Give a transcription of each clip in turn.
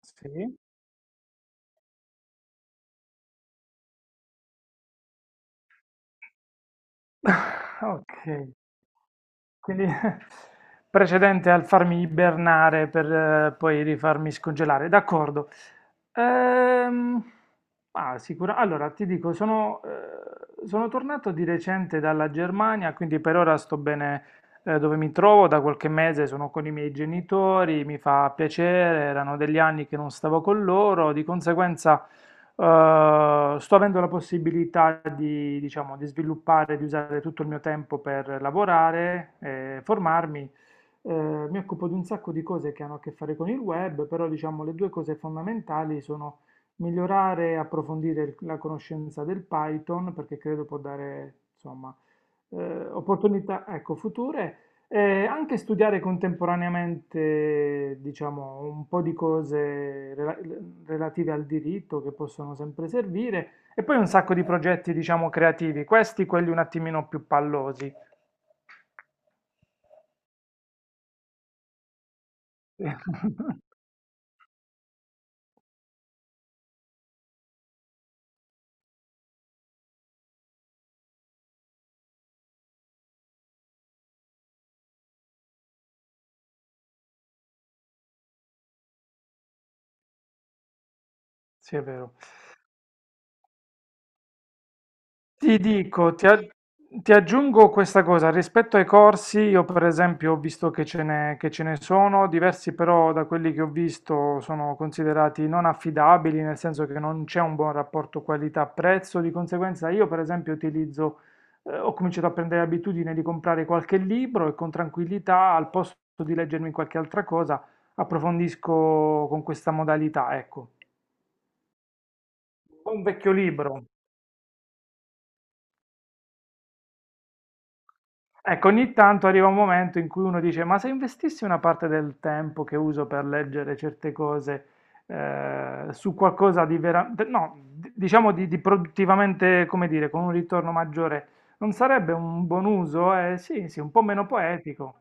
Sì, okay. Quindi precedente al farmi ibernare per poi rifarmi scongelare, d'accordo. Ehm, ma sicura allora ti dico sono tornato di recente dalla Germania, quindi per ora sto bene. Dove mi trovo, da qualche mese sono con i miei genitori, mi fa piacere, erano degli anni che non stavo con loro, di conseguenza sto avendo la possibilità di, diciamo, di sviluppare, di usare tutto il mio tempo per lavorare, formarmi. Mi occupo di un sacco di cose che hanno a che fare con il web, però diciamo le due cose fondamentali sono migliorare e approfondire la conoscenza del Python, perché credo può dare, insomma, opportunità, ecco, future. Anche studiare contemporaneamente, diciamo, un po' di cose relative al diritto che possono sempre servire e poi un sacco di progetti, diciamo, creativi, questi quelli un attimino più pallosi. Sì, è vero. Ti dico, ti aggiungo questa cosa, rispetto ai corsi, io per esempio ho visto che ce ne sono diversi, però da quelli che ho visto sono considerati non affidabili, nel senso che non c'è un buon rapporto qualità-prezzo. Di conseguenza, io per esempio utilizzo, ho cominciato a prendere abitudine di comprare qualche libro e con tranquillità, al posto di leggermi qualche altra cosa, approfondisco con questa modalità, ecco. Un vecchio libro. Ecco, ogni tanto arriva un momento in cui uno dice, ma se investissi una parte del tempo che uso per leggere certe cose su qualcosa di veramente, no, diciamo di, produttivamente, come dire, con un ritorno maggiore, non sarebbe un buon uso? Sì, sì, un po' meno poetico.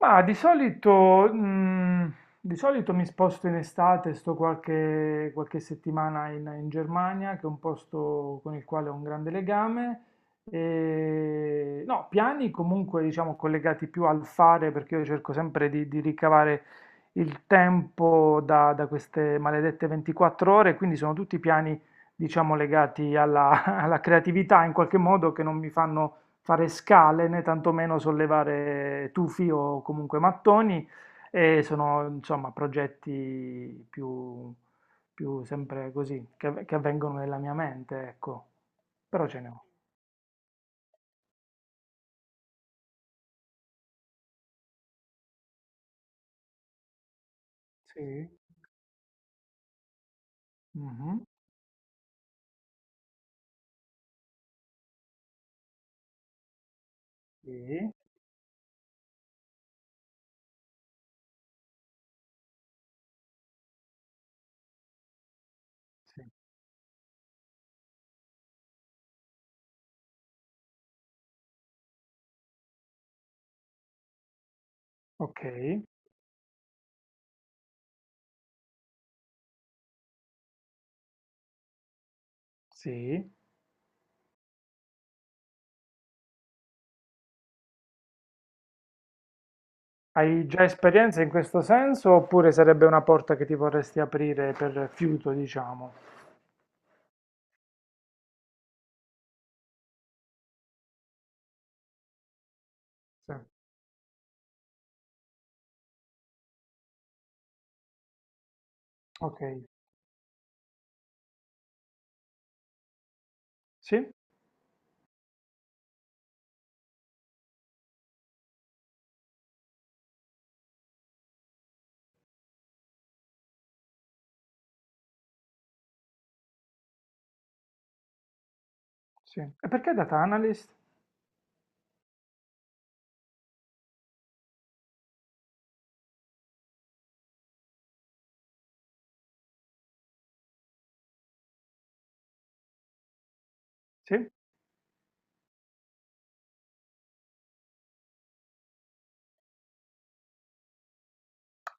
Ma di solito mi sposto in estate, sto qualche settimana in Germania, che è un posto con il quale ho un grande legame. E, no, piani comunque diciamo collegati più al fare, perché io cerco sempre di ricavare il tempo da queste maledette 24 ore, quindi sono tutti piani diciamo legati alla alla creatività in qualche modo che non mi fanno fare scale né tantomeno sollevare tufi o comunque mattoni e sono insomma progetti più, più sempre così che avvengono nella mia mente, ecco. Però ce ne ho. Sì. Mhm. Sì. Sì. Ok. Sì. Hai già esperienza in questo senso oppure sarebbe una porta che ti vorresti aprire per fiuto, diciamo? Sì. Ok. Sì? Sì. E perché data analyst? Sì?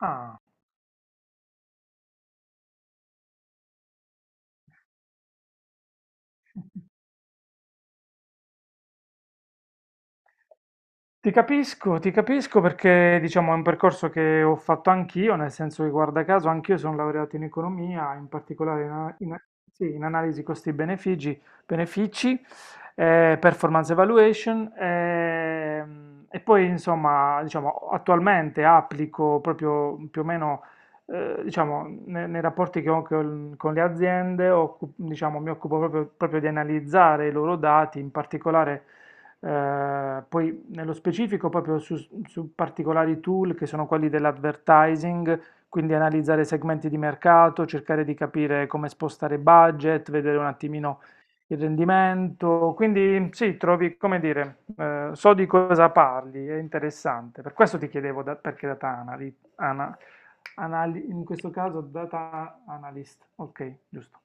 Ah. Ti capisco, ti capisco, perché diciamo è un percorso che ho fatto anch'io, nel senso che guarda caso anch'io sono laureato in economia, in particolare in, ana- in- a- sì, in analisi costi-benefici, benefici, performance evaluation, e poi insomma diciamo attualmente applico proprio più o meno, diciamo nei rapporti che ho con, le aziende, diciamo, mi occupo proprio proprio di analizzare i loro dati, in particolare poi nello specifico proprio su particolari tool che sono quelli dell'advertising, quindi analizzare segmenti di mercato, cercare di capire come spostare budget, vedere un attimino il rendimento. Quindi sì, trovi, come dire, so di cosa parli, è interessante. Per questo ti chiedevo perché data analy, ana- anali- in questo caso data analyst, ok, giusto.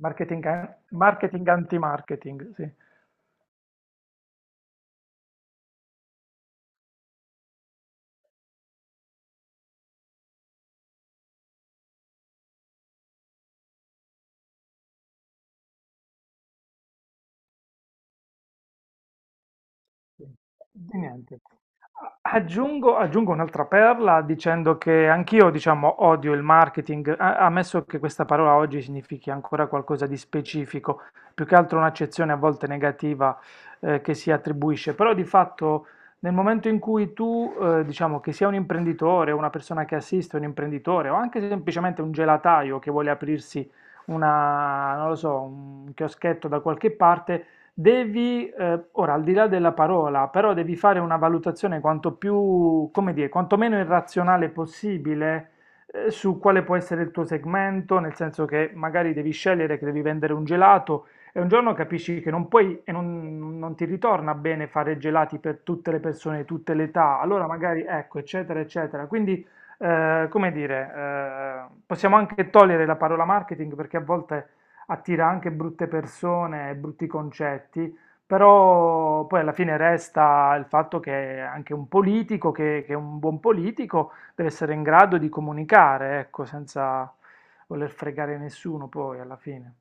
Marketing, marketing anti-marketing, sì. Di niente. Aggiungo un'altra perla dicendo che anch'io, diciamo, odio il marketing, ammesso che questa parola oggi significhi ancora qualcosa di specifico, più che altro un'accezione a volte negativa che si attribuisce, però di fatto nel momento in cui tu, diciamo, che sia un imprenditore, una persona che assiste un imprenditore o anche semplicemente un gelataio che vuole aprirsi una, non lo so, un chioschetto da qualche parte, devi, ora al di là della parola, però devi fare una valutazione quanto più, come dire, quanto meno irrazionale possibile, su quale può essere il tuo segmento, nel senso che magari devi scegliere che devi vendere un gelato e un giorno capisci che non puoi e non ti ritorna bene fare gelati per tutte le persone, di tutte le età, allora magari ecco, eccetera, eccetera. Quindi, come dire, possiamo anche togliere la parola marketing perché a volte attira anche brutte persone e brutti concetti, però poi alla fine resta il fatto che anche un politico, che un buon politico, deve essere in grado di comunicare, ecco, senza voler fregare nessuno poi alla fine.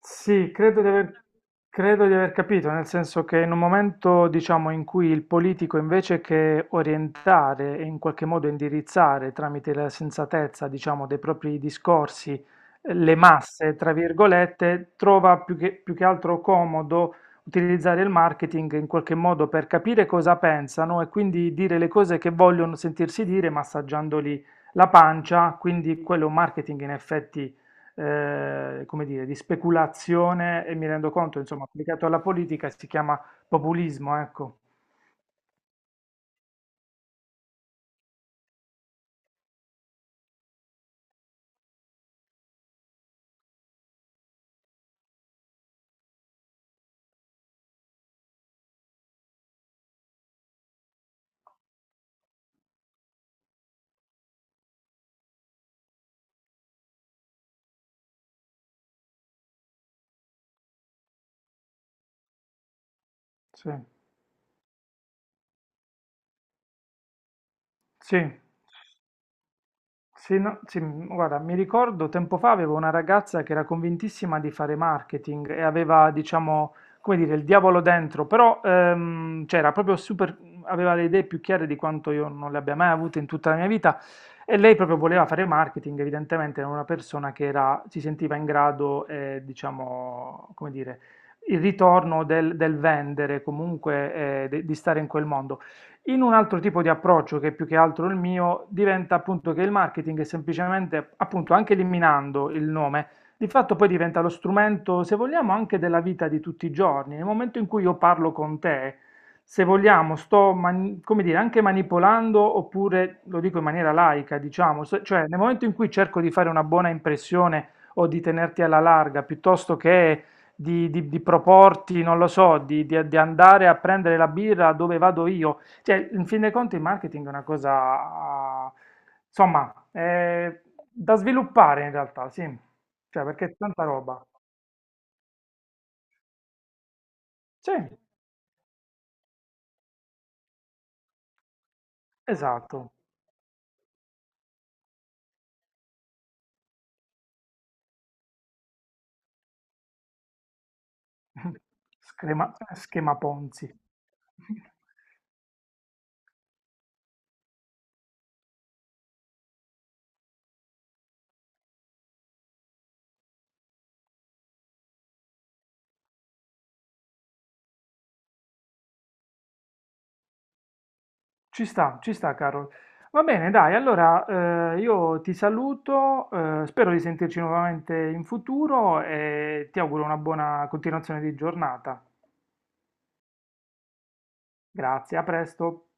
Sì, credo di aver capito, nel senso che in un momento, diciamo, in cui il politico invece che orientare e in qualche modo indirizzare tramite la sensatezza, diciamo, dei propri discorsi, le masse, tra virgolette, trova più che altro comodo utilizzare il marketing in qualche modo per capire cosa pensano e quindi dire le cose che vogliono sentirsi dire, massaggiandoli la pancia, quindi quello è un marketing in effetti, come dire, di speculazione, e mi rendo conto, insomma, applicato alla politica si chiama populismo, ecco. Sì, sì. Sì, no, sì, guarda, mi ricordo tempo fa avevo una ragazza che era convintissima di fare marketing e aveva, diciamo, come dire, il diavolo dentro, però cioè, era proprio super, aveva le idee più chiare di quanto io non le abbia mai avute in tutta la mia vita, e lei proprio voleva fare marketing, evidentemente era una persona che era, si sentiva in grado, diciamo, come dire, il ritorno del, vendere, comunque di stare in quel mondo. In un altro tipo di approccio, che è più che altro il mio, diventa appunto che il marketing è semplicemente, appunto, anche eliminando il nome, di fatto poi diventa lo strumento, se vogliamo, anche della vita di tutti i giorni. Nel momento in cui io parlo con te, se vogliamo, sto, come dire, anche manipolando, oppure lo dico in maniera laica, diciamo, cioè nel momento in cui cerco di fare una buona impressione o di tenerti alla larga, piuttosto che di proporti, non lo so, di andare a prendere la birra dove vado io, cioè, in fin dei conti il marketing è una cosa, insomma, da sviluppare in realtà, sì. Cioè, perché è tanta roba. Sì, esatto. Schema Ponzi. Ci sta, caro. Va bene, dai, allora io ti saluto, spero di sentirci nuovamente in futuro e ti auguro una buona continuazione di giornata. Grazie, a presto.